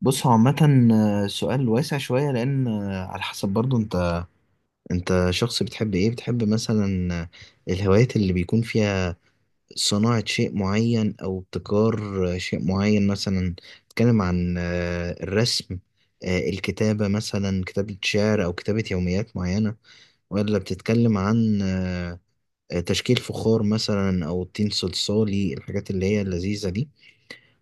بص، هو عامة سؤال واسع شوية. لأن على حسب برضو أنت شخص. بتحب إيه؟ بتحب مثلا الهوايات اللي بيكون فيها صناعة شيء معين أو ابتكار شيء معين؟ مثلا بتتكلم عن الرسم، الكتابة، مثلا كتابة شعر أو كتابة يوميات معينة؟ ولا بتتكلم عن تشكيل فخار مثلا أو طين صلصالي، الحاجات اللي هي اللذيذة دي؟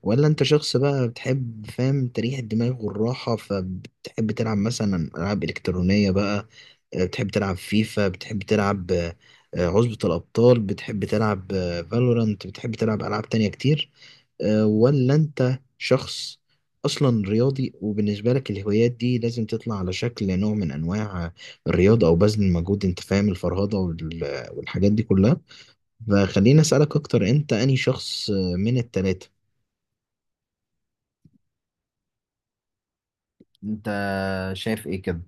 ولا انت شخص بقى بتحب، فاهم، تريح الدماغ والراحة، فبتحب تلعب مثلا ألعاب إلكترونية بقى؟ بتحب تلعب فيفا، بتحب تلعب عصبة الأبطال، بتحب تلعب فالورانت، بتحب تلعب ألعاب تانية كتير؟ ولا انت شخص أصلا رياضي وبالنسبة لك الهوايات دي لازم تطلع على شكل نوع من أنواع الرياضة أو بذل المجهود؟ أنت فاهم، الفرهدة والحاجات دي كلها. فخليني أسألك أكتر، أنت أنهي شخص من التلاتة؟ انت شايف ايه كده؟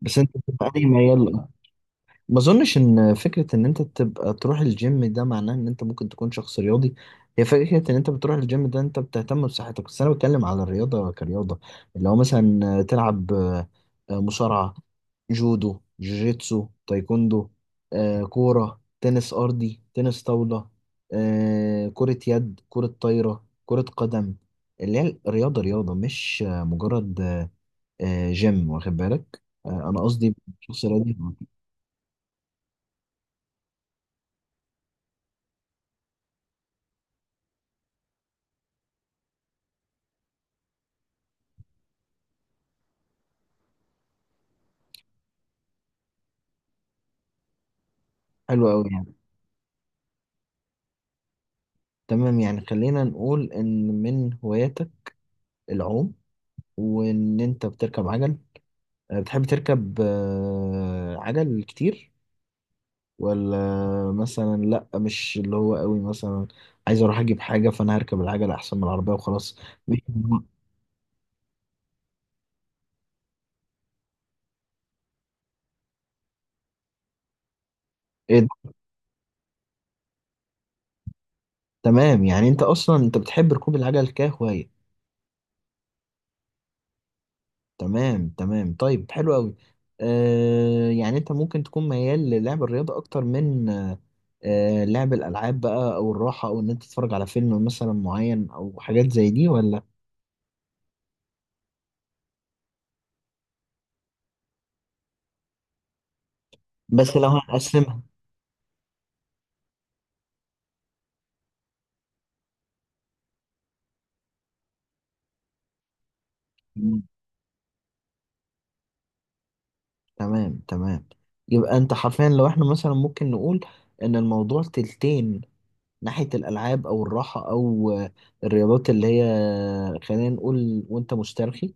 بس انت بتبقى اي ميال؟ لأ. ما اظنش ان فكره ان انت تبقى تروح الجيم ده معناه ان انت ممكن تكون شخص رياضي. هي فكره ان انت بتروح الجيم ده انت بتهتم بصحتك، بس انا بتكلم على الرياضه كرياضه، اللي هو مثلا تلعب مصارعه، جودو، جوجيتسو، تايكوندو، كوره، تنس ارضي، تنس طاوله، كره يد، كره طايره، كره قدم. اللي هي الرياضه رياضه، مش مجرد جيم، واخد بالك؟ انا قصدي شخص رياضي. حلو قوي، يعني تمام. يعني خلينا نقول ان من هواياتك العوم، وان انت بتركب عجل. بتحب تركب عجل كتير، ولا مثلا لا، مش اللي هو قوي، مثلا عايز اروح اجيب حاجه فانا هركب العجل احسن من العربيه وخلاص؟ مش- ايه ده؟ تمام، يعني انت اصلا انت بتحب ركوب العجل كهوايه. تمام تمام، طيب حلو قوي. آه، يعني انت ممكن تكون ميال للعب الرياضة اكتر من لعب الالعاب بقى، او الراحة، او ان انت تتفرج على فيلم مثلا معين، او حاجات زي دي، ولا؟ بس لو هنقسمها. مم. تمام تمام. يبقى انت حرفيا، لو احنا مثلا ممكن نقول ان الموضوع تلتين ناحية الالعاب او الراحة او الرياضات اللي هي خلينا نقول وانت مسترخي،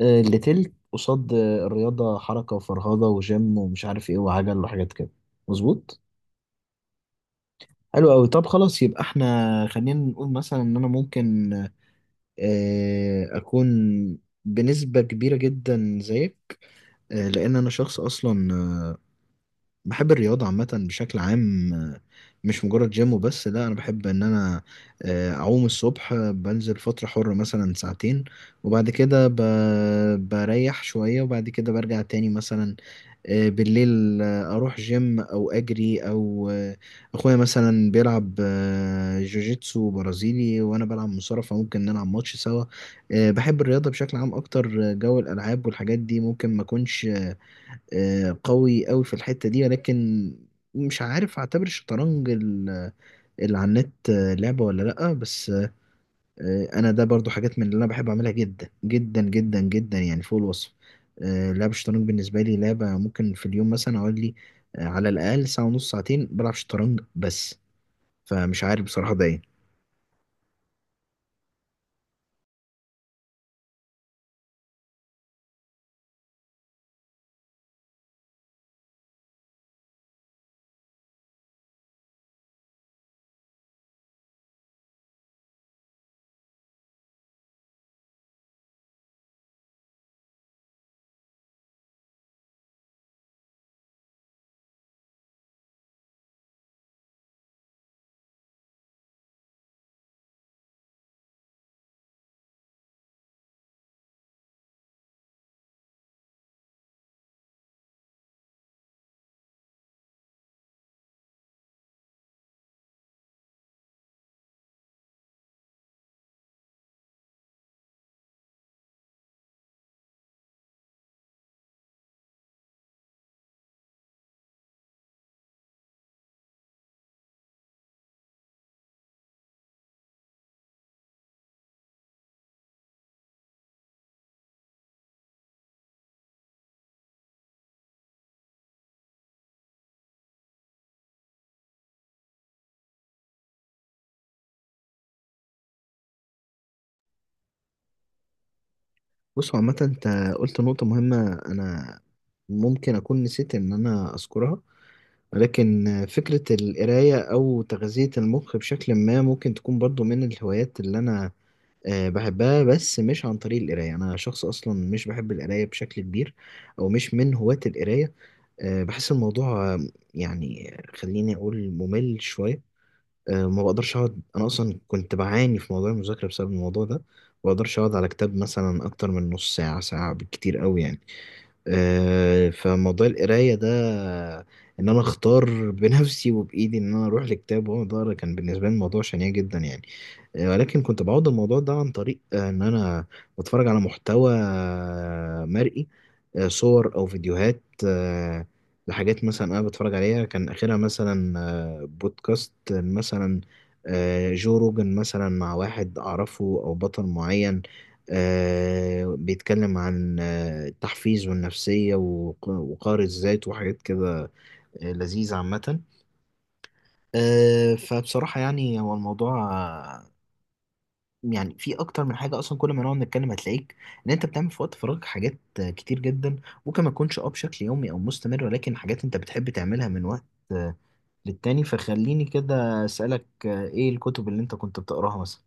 اللي تلت قصاد الرياضة، حركة وفرهضة وجيم ومش عارف ايه وعجل وحاجات كده. مظبوط؟ حلو قوي. طب خلاص، يبقى احنا خلينا نقول مثلا ان انا ممكن اكون بنسبة كبيرة جدا زيك، لان انا شخص اصلا بحب الرياضة عامة بشكل عام. مش مجرد جيم وبس، لا، أنا بحب إن أنا أعوم الصبح، بنزل فترة حرة مثلا ساعتين، وبعد كده بريح شوية، وبعد كده برجع تاني مثلا بالليل، أروح جيم أو أجري أو أخويا مثلا بيلعب جوجيتسو برازيلي وأنا بلعب مصارعة فممكن نلعب ماتش سوا. بحب الرياضة بشكل عام أكتر، جو الألعاب والحاجات دي ممكن ما أكونش قوي قوي في الحتة دي. ولكن، مش عارف اعتبر الشطرنج اللي على النت لعبة ولا لأ، بس انا ده برضو حاجات من اللي انا بحب اعملها جدا جدا جدا جدا، يعني فوق الوصف. لعب الشطرنج بالنسبة لي لعبة ممكن في اليوم مثلا اقول لي على الأقل ساعة ونص، ساعتين بلعب شطرنج بس. فمش عارف بصراحة ده ايه. بص هو عامة، انت قلت نقطة مهمة انا ممكن اكون نسيت ان انا اذكرها، ولكن فكرة القراية أو تغذية المخ بشكل ما ممكن تكون برضو من الهوايات اللي أنا بحبها، بس مش عن طريق القراية. أنا شخص أصلا مش بحب القراية بشكل كبير، أو مش من هواة القراية. بحس الموضوع يعني، خليني أقول، ممل شوية. ما بقدرش أقعد، أنا أصلا كنت بعاني في موضوع المذاكرة بسبب الموضوع ده، ما بقدرش أقعد على كتاب مثلا أكتر من نص ساعة، ساعة بالكتير أوي يعني. فموضوع القراية ده، إن أنا أختار بنفسي وبإيدي إن أنا أروح لكتاب وأقعد أقرا، كان بالنسبة لي الموضوع شنيع جدا يعني. ولكن كنت بعوض الموضوع ده عن طريق إن أنا بتفرج على محتوى مرئي، صور أو فيديوهات آه، لحاجات مثلا أنا بتفرج عليها، كان آخرها مثلا بودكاست مثلا جو روجن مثلا مع واحد أعرفه أو بطل معين بيتكلم عن التحفيز والنفسية وقار الذات وحاجات كده لذيذة عامة. فبصراحة يعني هو الموضوع يعني في أكتر من حاجة أصلا، كل ما نقعد نتكلم هتلاقيك إن أنت بتعمل في وقت فراغك حاجات كتير جدا، ممكن ما تكونش أه بشكل يومي أو مستمر، ولكن حاجات أنت بتحب تعملها من وقت آه، للتاني. فخليني كده أسألك إيه الكتب اللي أنت كنت بتقراها مثلا؟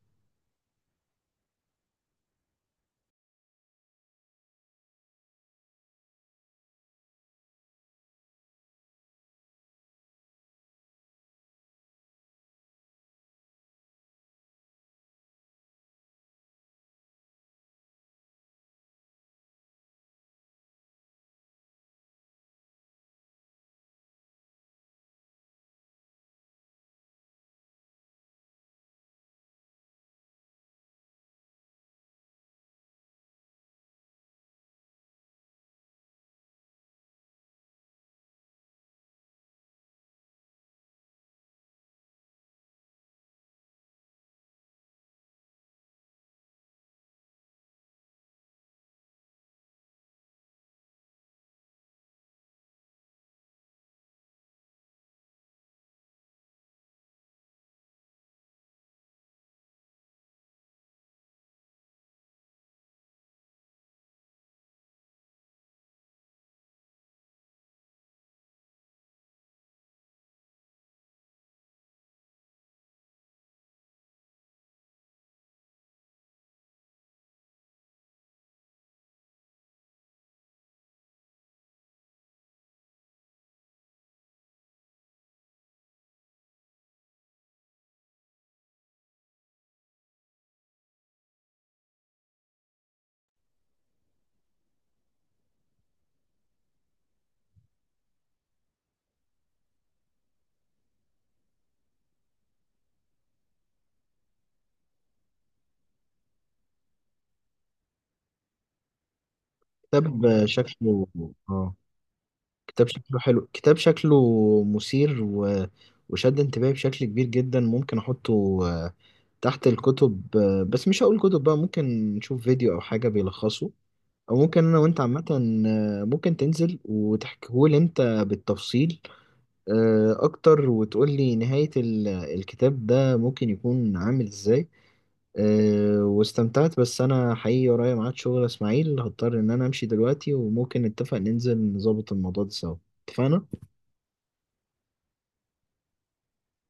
كتاب شكله، آه، كتاب شكله مثير و، وشد انتباهي بشكل كبير جدا. ممكن احطه تحت الكتب، بس مش هقول كتب بقى، ممكن نشوف فيديو او حاجة بيلخصه، او ممكن انا وانت عامة ممكن تنزل وتحكيهولي انت بالتفصيل اكتر، وتقولي نهاية الكتاب ده ممكن يكون عامل ازاي. واستمتعت، بس انا حقيقي ورايا ميعاد شغل يا اسماعيل، هضطر ان انا امشي دلوقتي، وممكن نتفق ننزل نظبط الموضوع ده سوا. اتفقنا؟